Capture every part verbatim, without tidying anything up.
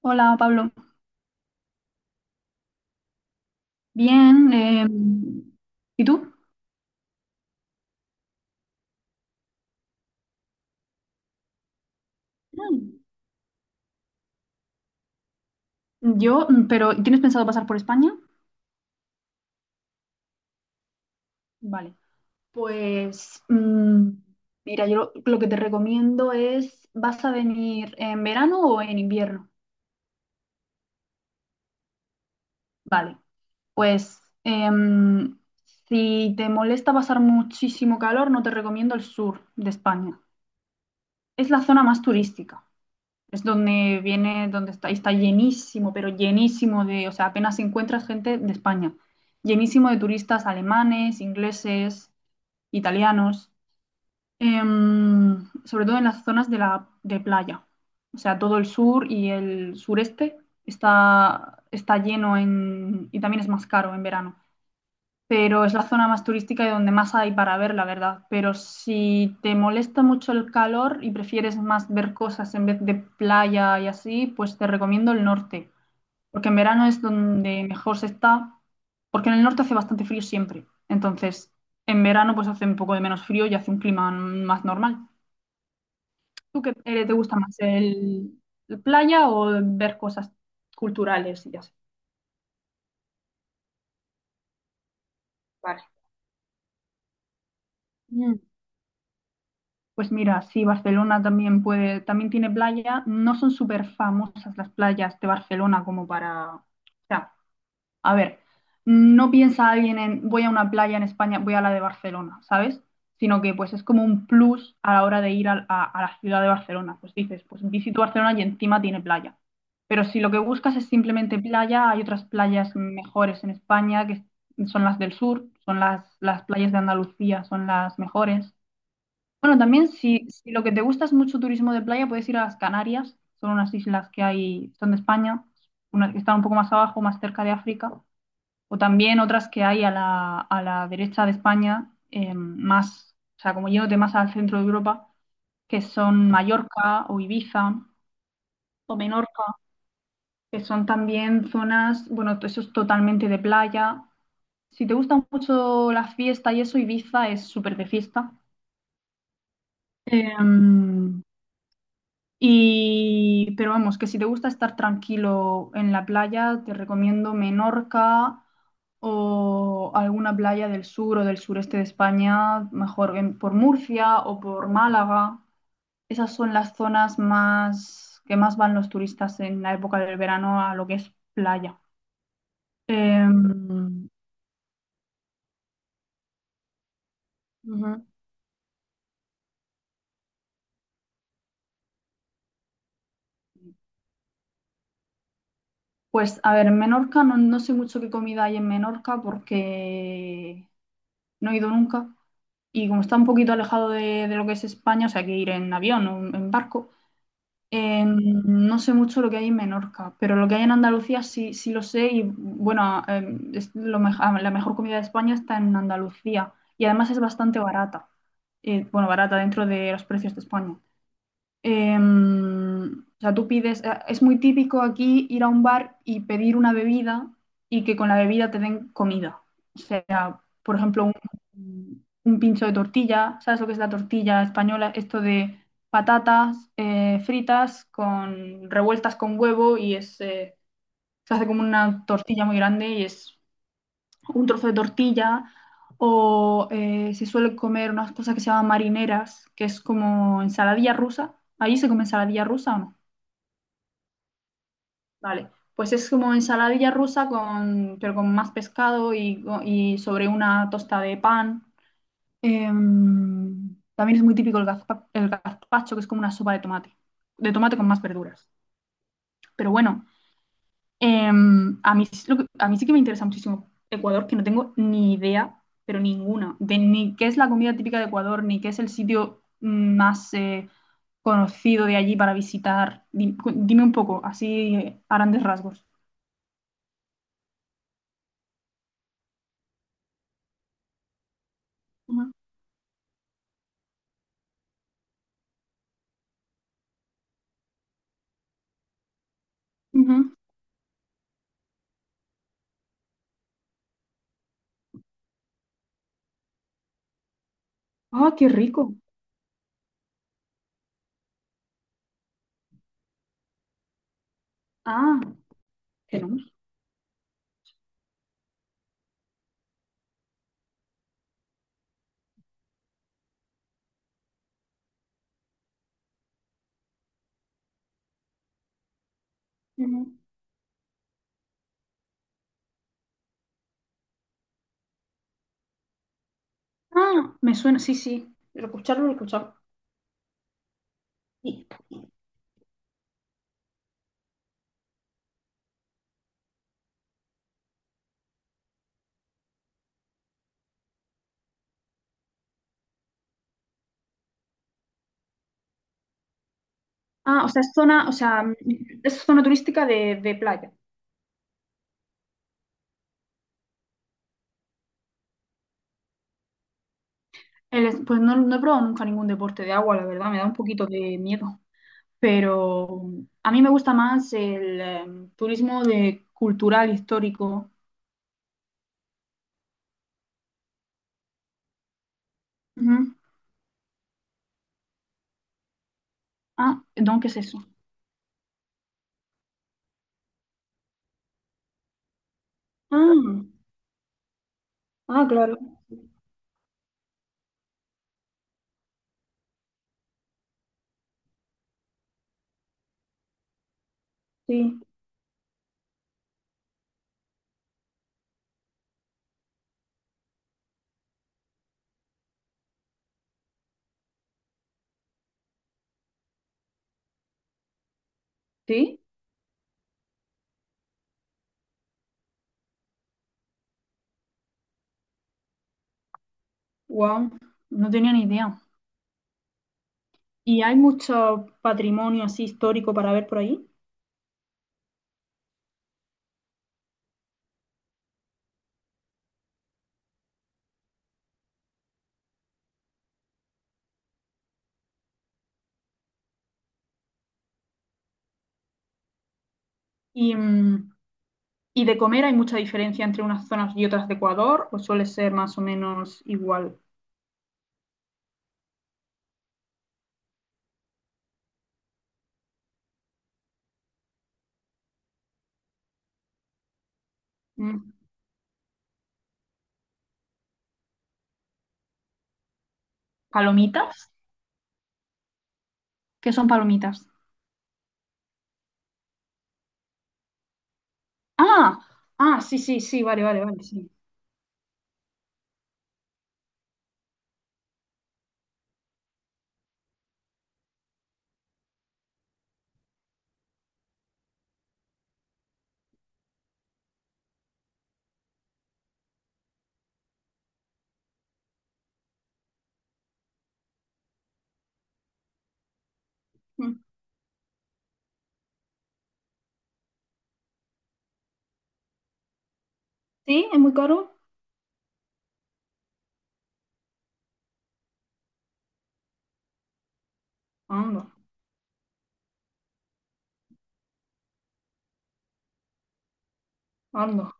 Hola Pablo, bien. Eh, ¿y tú? Mm. Yo, mm, pero ¿tienes pensado pasar por España? Vale. Pues mm, mira, yo lo, lo que te recomiendo es, ¿vas a venir en verano o en invierno? Vale. Pues em, si te molesta pasar muchísimo calor, no te recomiendo el sur de España. Es la zona más turística. Es donde viene, donde está, y está llenísimo, pero llenísimo de, o sea, apenas encuentras gente de España, llenísimo de turistas alemanes, ingleses, italianos, em, sobre todo en las zonas de la de playa. O sea, todo el sur y el sureste está, está lleno en, y también es más caro en verano, pero es la zona más turística y donde más hay para ver, la verdad. Pero si te molesta mucho el calor y prefieres más ver cosas en vez de playa y así, pues te recomiendo el norte, porque en verano es donde mejor se está, porque en el norte hace bastante frío siempre. Entonces, en verano pues hace un poco de menos frío y hace un clima más normal. ¿Tú qué eh, te gusta más, el, el playa o ver cosas culturales y así? Vale. Mm. Pues mira, sí, Barcelona también puede, también tiene playa. No son súper famosas las playas de Barcelona como para. O sea, a ver, no piensa alguien en voy a una playa en España, voy a la de Barcelona, ¿sabes? Sino que pues es como un plus a la hora de ir al- a, a la ciudad de Barcelona. Pues dices, pues visito Barcelona y encima tiene playa. Pero si lo que buscas es simplemente playa, hay otras playas mejores en España que son las del sur, son las, las playas de Andalucía, son las mejores. Bueno, también si, si lo que te gusta es mucho turismo de playa, puedes ir a las Canarias. Son unas islas que hay, son de España, unas que están un poco más abajo, más cerca de África. O también otras que hay a la, a la derecha de España, eh, más, o sea, como yéndote más al centro de Europa, que son Mallorca o Ibiza o Menorca, que son también zonas, bueno, eso es totalmente de playa. Si te gusta mucho la fiesta y eso, Ibiza es súper de fiesta. Eh, Y, pero vamos, que si te gusta estar tranquilo en la playa, te recomiendo Menorca o alguna playa del sur o del sureste de España, mejor en- por Murcia o por Málaga. Esas son las zonas más que más van los turistas en la época del verano a lo que es playa. Em, ujú. Pues a ver, en Menorca no, no sé mucho qué comida hay en Menorca porque no he ido nunca. Y como está un poquito alejado de, de lo que es España, o sea, hay que ir en avión o en barco. Eh, no sé mucho lo que hay en Menorca, pero lo que hay en Andalucía sí, sí lo sé y bueno, eh, es lo me- ah, la mejor comida de España está en Andalucía y además es bastante barata. Eh, bueno, barata dentro de los precios de España. Eh, o sea, tú pides, eh, es muy típico aquí ir a un bar y pedir una bebida y que con la bebida te den comida. Por ejemplo, un, un pincho de tortilla. ¿Sabes lo que es la tortilla española? Esto de patatas eh, fritas con revueltas con huevo y es, eh, se hace como una tortilla muy grande y es un trozo de tortilla. O eh, se suele comer unas cosas que se llaman marineras, que es como ensaladilla rusa. ¿Ahí se come ensaladilla rusa o no? Vale, pues es como ensaladilla rusa con, pero con más pescado y, y sobre una tosta de pan. Em, también es muy típico el gazpa- el gazpacho, que es como una sopa de tomate, de tomate con más verduras. Pero bueno, em, a mí, sí- lo que- a mí sí que me interesa muchísimo Ecuador, que no tengo ni idea, pero ninguna, de ni qué es la comida típica de Ecuador, ni qué es el sitio más eh, conocido de allí para visitar. Di- cu- Dime, un poco, así eh, a grandes rasgos. Ujú. Ujú. Ah, qué rico. Ah, tenemos. Ujú. Ah, me suena, sí, sí. Lo he escuchado, lo he escuchado. Ah, o sea, es zona, o sea, es zona turística de, de playa. El es- pues no, no he probado nunca ningún deporte de agua, la verdad, me da un poquito de miedo. Pero a mí me gusta más el em, turismo de cultural, histórico. Ujú. Ah, ¿dónde qué es eso? Ah, ah, claro, sí. Sí, wow, no tenía ni idea. ¿Y hay mucho patrimonio así histórico para ver por ahí? Y, mm, ¿Y de comer hay mucha diferencia entre unas zonas y otras de Ecuador? ¿O suele ser más o menos igual? Mm. ¿Palomitas? ¿Qué son palomitas? Ah, ah, sí, sí, sí, vale, vale, vale, sí. Mm. ¿Sí? ¿Es muy caro? Anda, anda.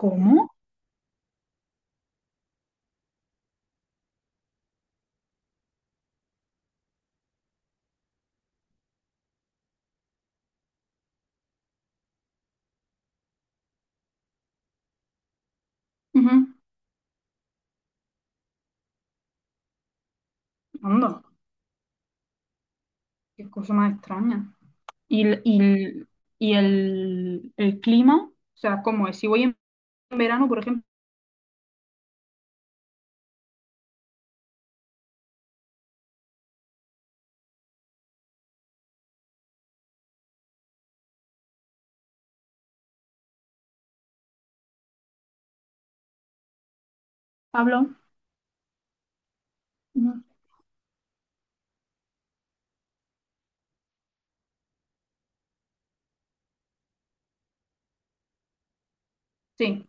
¿Cómo? Ujú. Anda, qué cosa más extraña. ¿Y, el, y el- y el- el clima? O sea, ¿cómo es? Si voy en verano, por ejemplo, Pablo, ujú, sí,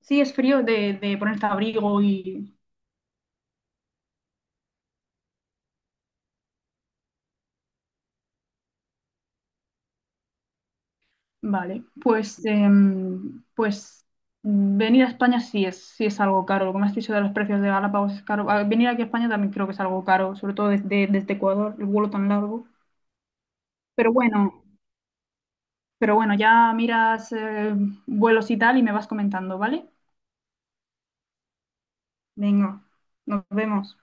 sí es frío de, de ponerte abrigo y. Vale, pues, em, pues mm, venir a España sí es, sí es algo caro. Lo que me has dicho de los precios de Galápagos es caro. A- Venir aquí a España también creo que es algo caro, sobre todo desde, desde Ecuador, el vuelo tan largo. Pero bueno, pero bueno, ya miras eh, vuelos y tal y me vas comentando, ¿vale? Venga, nos vemos.